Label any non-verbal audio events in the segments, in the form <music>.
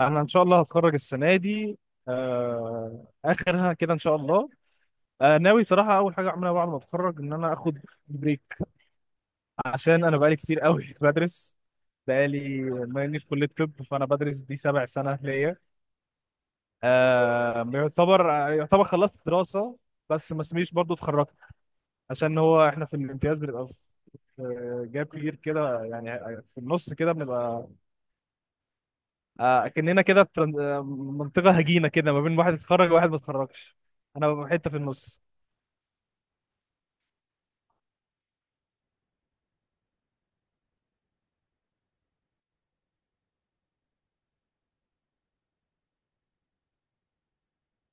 انا ان شاء الله هتخرج السنه دي. آه، اخرها كده ان شاء الله. آه، ناوي صراحه اول حاجه اعملها بعد ما اتخرج ان انا اخد بريك عشان انا بقالي كتير قوي <laughs> بدرس. بقالي ما اني في كليه طب فانا بدرس دي 7 سنه ليا. آه، يعتبر خلصت دراسه، بس ما اسميش برضو اتخرجت، عشان هو احنا في الامتياز بنبقى في جاب كبير كده، يعني في النص كده بنبقى كأننا كده في منطقة هجينة كده ما بين واحد اتخرج وواحد ما اتخرجش. انا ببقى حتة في النص.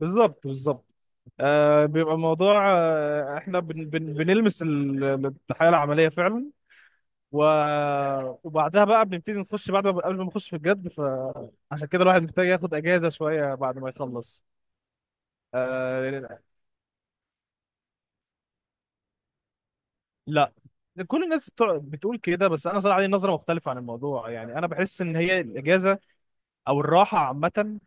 بالظبط، بالظبط. آه، بيبقى الموضوع، آه احنا بن بن بنلمس الحياة العملية فعلا، و... وبعدها بقى بنبتدي نخش، بعد ما قبل ما نخش في الجد، فعشان كده الواحد محتاج ياخد اجازة شوية بعد ما يخلص. آه، لا. كل الناس بتقول كده، بس انا صراحة عندي نظرة مختلفة عن الموضوع. يعني انا بحس ان هي الاجازة او الراحة عامة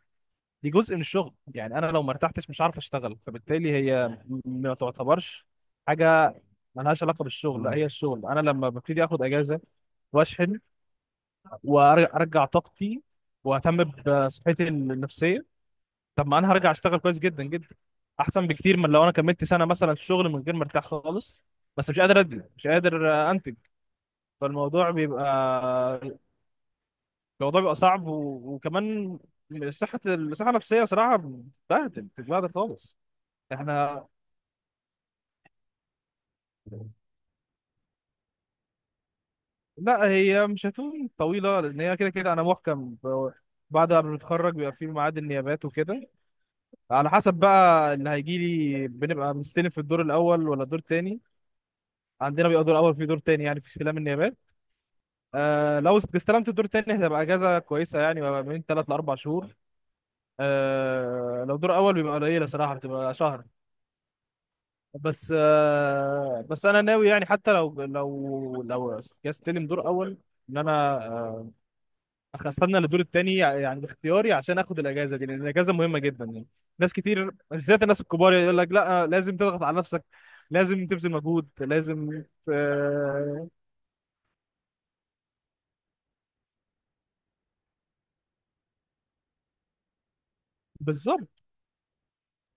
دي جزء من الشغل. يعني انا لو ما ارتحتش مش عارف اشتغل، فبالتالي هي ما تعتبرش حاجه ملهاش علاقه بالشغل، لا هي الشغل. انا لما ببتدي اخد اجازه واشحن وارجع طاقتي واهتم بصحتي النفسيه، طب ما انا هرجع اشتغل كويس جدا جدا، احسن بكتير من لو انا كملت سنه مثلا شغل من غير ما ارتاح خالص، بس مش قادر انتج. فالموضوع بيبقى، الموضوع بيبقى صعب، وكمان الصحه النفسيه صراحه بتتبهدل خالص. احنا، لا هي مش هتكون طويلة، لأن هي كده كده أنا محكم بعد ما بنتخرج بيبقى في ميعاد النيابات وكده. على حسب بقى اللي هيجيلي، بنبقى مستلف في الدور الأول ولا الدور التاني. عندنا بيبقى دور أول في دور تاني يعني في استلام النيابات. آه، لو استلمت الدور التاني هتبقى أجازة كويسة، يعني بقى من تلات لأربع شهور. آه، لو دور أول بيبقى قليلة صراحة، بتبقى شهر. بس آه، بس أنا ناوي يعني حتى لو استلم دور أول، إن أنا آه، احنا استنى للدور التاني يعني باختياري عشان اخد الاجازه دي، لان الاجازه مهمه جدا يعني. ناس كتير بالذات الناس الكبار يقول لك لا، لازم تضغط على نفسك، لازم تبذل مجهود، لازم آه. بالظبط.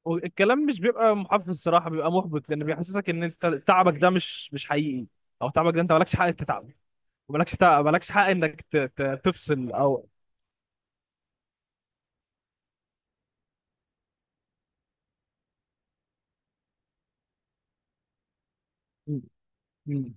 والكلام مش بيبقى محفز، الصراحه بيبقى محبط، لان بيحسسك ان انت تعبك ده مش حقيقي، او تعبك ده انت مالكش حق تتعب، مالكش حق انك تفصل او م- م-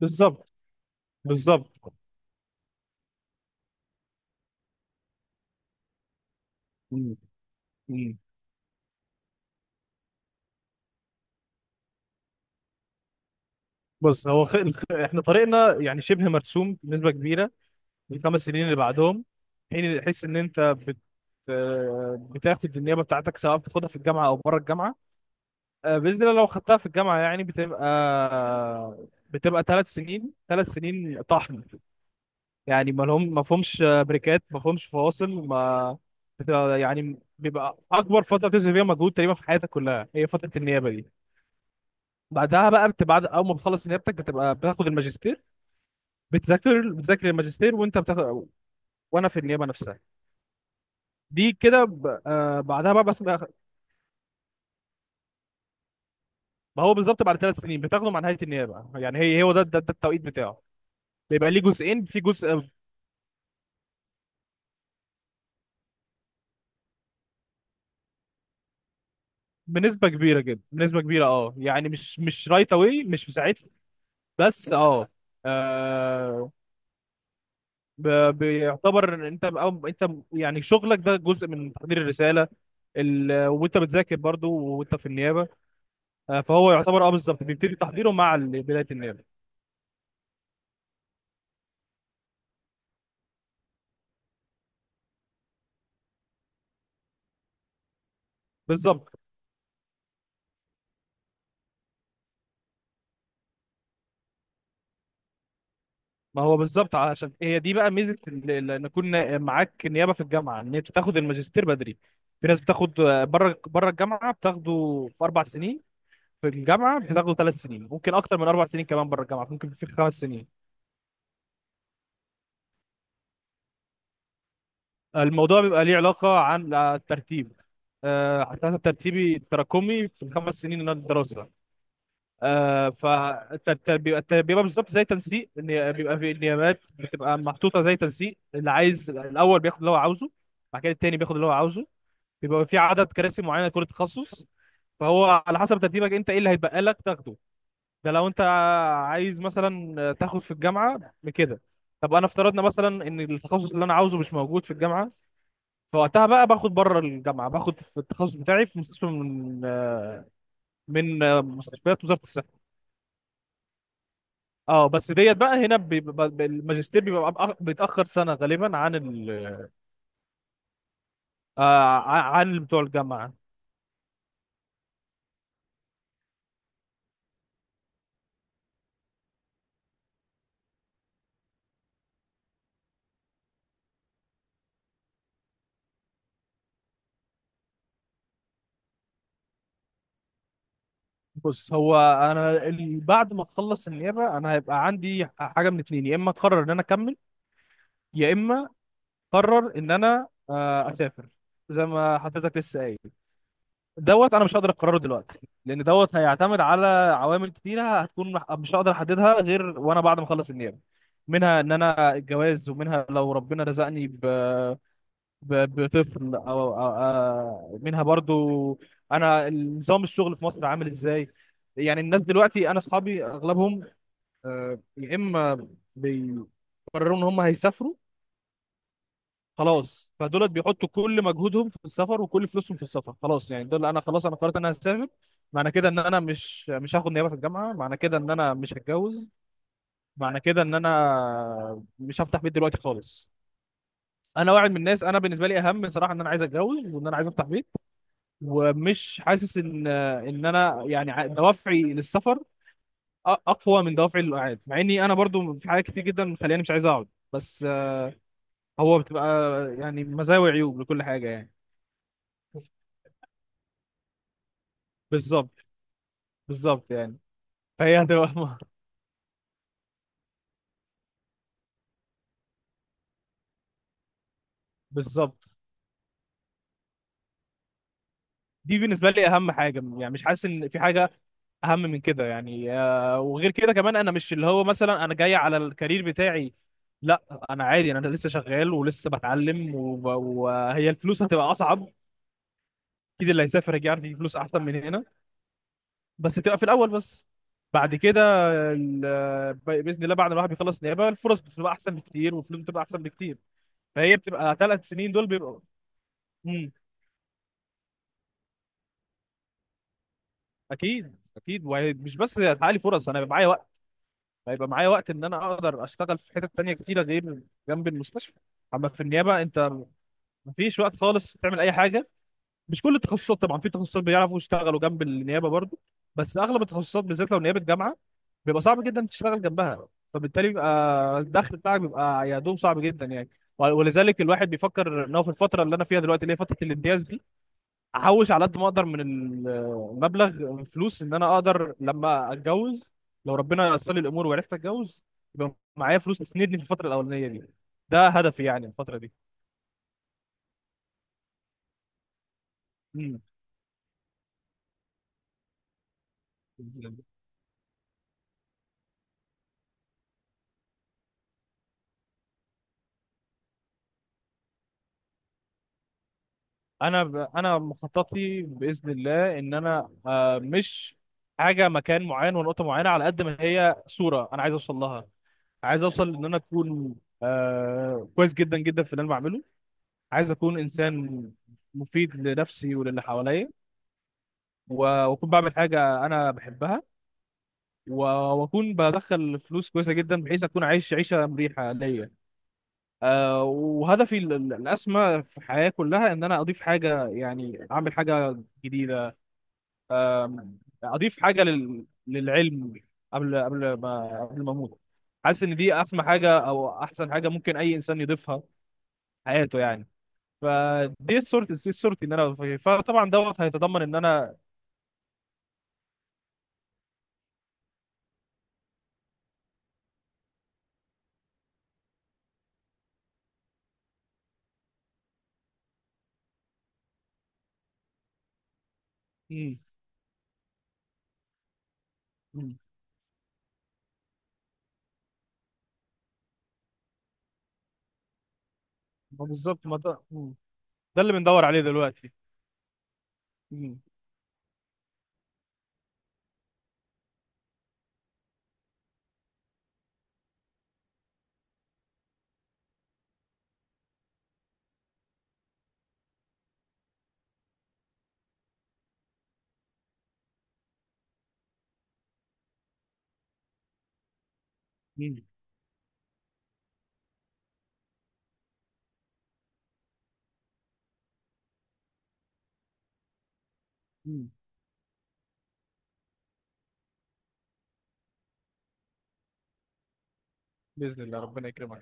بالظبط، بالظبط. م- م. بص، احنا طريقنا يعني شبه مرسوم بنسبه كبيره. ال5 سنين اللي بعدهم، تحس ان انت بت آه، بتاخد النيابه بتاعتك، سواء بتاخدها في الجامعه او بره الجامعه. آه، باذن الله لو خدتها في الجامعه يعني بتبقى، آه، بتبقى 3 سنين 3 سنين طحن، يعني ما فهمش بريكات، ما فهمش فواصل، ما بتبقى، يعني بيبقى اكبر فتره بتبذل فيها مجهود تقريبا في حياتك كلها هي فتره النيابه دي. بعدها بقى بعد اول ما بتخلص نيابتك بتبقى بتاخد الماجستير. بتذاكر، بتذاكر الماجستير، وانت بتاخد، وانا في النيابه نفسها. دي كده بعدها بقى بس ما. هو بالظبط، بعد 3 سنين بتاخده مع نهايه النيابه. يعني هي هو ده ده, ده التوقيت بتاعه. بيبقى ليه جزئين، في جزء بنسبه كبيره جدا، بنسبه كبيره. اه، يعني مش رايت اواي، مش في ساعتها، بس اه، آه، ب- بيعتبر إن انت أو انت يعني شغلك ده جزء من تحضير الرساله. وانت بتذاكر برضو وانت في النيابه. آه، فهو يعتبر اه بالظبط بيبتدي تحضيره مع بدايه النيابه. بالظبط. ما هو بالظبط، عشان هي دي بقى ميزه ان يكون معاك نيابه في الجامعه، ان انت تاخد الماجستير بدري. في ناس بتاخد بره الجامعه بتاخده في 4 سنين. في الجامعه بتاخده 3 سنين، ممكن اكتر من 4 سنين كمان، بره الجامعه ممكن في 5 سنين. الموضوع بيبقى ليه علاقه عن الترتيب. آه، على حسب ترتيبي التراكمي في ال5 سنين اللي أنا الدراسه. آه فالتربية. بالظبط، زي تنسيق، ان بيبقى في النيابات بتبقى محطوطة زي تنسيق، اللي عايز الأول بياخد اللي هو عاوزه، بعد كده التاني بياخد اللي هو عاوزه. بيبقى في عدد كراسي معينة لكل تخصص. فهو على حسب ترتيبك انت، ايه اللي هيتبقى لك تاخده. ده لو انت عايز مثلا تاخد في الجامعة بكده. طب انا افترضنا مثلا ان التخصص اللي انا عاوزه مش موجود في الجامعة، فوقتها بقى باخد بره الجامعة، باخد في التخصص بتاعي في مستشفى من مستشفيات وزارة الصحة. اه بس ديت بقى هنا الماجستير بيبقى بيتأخر سنة غالبا عن ال آه عن بتوع الجامعة. بص، بعد ما اخلص النيابة انا هيبقى عندي حاجة من اتنين. يا اما اقرر ان انا اكمل، يا اما اقرر ان انا اسافر، زي ما حضرتك لسه قايل. دوت انا مش هقدر اقرره دلوقتي، لان دوت هيعتمد على عوامل كتيرة هتكون مش هقدر احددها غير وانا بعد ما اخلص النيابة. منها ان انا الجواز، ومنها لو ربنا رزقني بطفل أو منها برضو أنا نظام الشغل في مصر عامل إزاي. يعني الناس دلوقتي، أنا أصحابي أغلبهم يا إما بيقرروا إن هم هيسافروا خلاص، فدولت بيحطوا كل مجهودهم في السفر وكل فلوسهم في السفر. خلاص يعني دول، أنا خلاص أنا قررت إن أنا هسافر، معنى كده إن أنا مش هاخد نيابة في الجامعة، معنى كده إن أنا مش هتجوز، معنى كده إن أنا مش هفتح بيت دلوقتي خالص. انا واحد من الناس، انا بالنسبه لي اهم صراحه ان انا عايز اتجوز وان انا عايز افتح بيت. ومش حاسس ان ان انا يعني دوافعي للسفر اقوى من دوافعي للقعاد، مع اني انا برضو في حاجات كتير جدا مخليني مش عايز اقعد، بس آه، هو بتبقى يعني مزايا وعيوب لكل حاجه يعني. بالظبط، بالظبط يعني. فهي هتبقى <laughs> بالظبط. دي بالنسبه لي اهم حاجه، يعني مش حاسس ان في حاجه اهم من كده. يعني آه، وغير كده كمان، انا مش اللي هو مثلا انا جاي على الكارير بتاعي، لا انا عادي، انا لسه شغال ولسه بتعلم وهي الفلوس هتبقى اصعب، اكيد اللي هيسافر هيجي عارف يجيب فلوس احسن من هنا، بس بتبقى في الاول بس. بعد كده باذن الله بعد ما الواحد بيخلص نيابه الفرص بتبقى احسن بكتير، والفلوس بتبقى احسن بكتير. فهي بتبقى 3 سنين دول بيبقوا. امم. اكيد، اكيد. ومش بس هيتحقق لي فرص، انا هيبقى معايا وقت، هيبقى معايا وقت ان انا اقدر اشتغل في حتت تانية كتيره غير جنب المستشفى. اما في النيابه انت، مفيش وقت خالص تعمل اي حاجه. مش كل التخصصات طبعا، في تخصصات بيعرفوا يشتغلوا جنب النيابه برضو، بس اغلب التخصصات بالذات لو نيابه جامعه، بيبقى صعب جدا تشتغل جنبها. فبالتالي بيبقى الدخل بتاعك بيبقى يا دوب، صعب جدا يعني. ولذلك الواحد بيفكر ان هو في الفتره اللي انا فيها دلوقتي اللي هي فتره الامتياز دي، احوش على قد ما اقدر من المبلغ فلوس ان انا اقدر لما اتجوز، لو ربنا يسر لي الامور وعرفت اتجوز، يبقى معايا فلوس تسندني في الفتره الاولانيه دي. ده هدفي يعني الفتره دي. مم. انا انا مخططي باذن الله ان انا مش حاجه مكان معين ونقطه معينه، على قد ما هي صوره انا عايز اوصل لها. عايز اوصل ان انا اكون آه كويس جدا جدا في اللي انا بعمله. عايز اكون انسان مفيد لنفسي وللي حواليا، واكون بعمل حاجه انا بحبها، و- واكون بدخل فلوس كويسه جدا بحيث اكون عايش عيشه مريحه ليا. آه، وهدفي الاسمى في الحياه كلها ان انا اضيف حاجه، يعني اعمل حاجه جديده. آم، اضيف حاجه للعلم، قبل ما اموت. حاسس ان دي اسمى حاجه او احسن حاجه ممكن اي انسان يضيفها حياته يعني. فدي صورتي، دي صورتي ان انا فيه. فطبعا دوت هيتضمن ان انا. مم. مم. ما بالظبط ما ده. مم. ده اللي بندور عليه دلوقتي. مم. مم. مم. باذن الله ربنا يكرمك.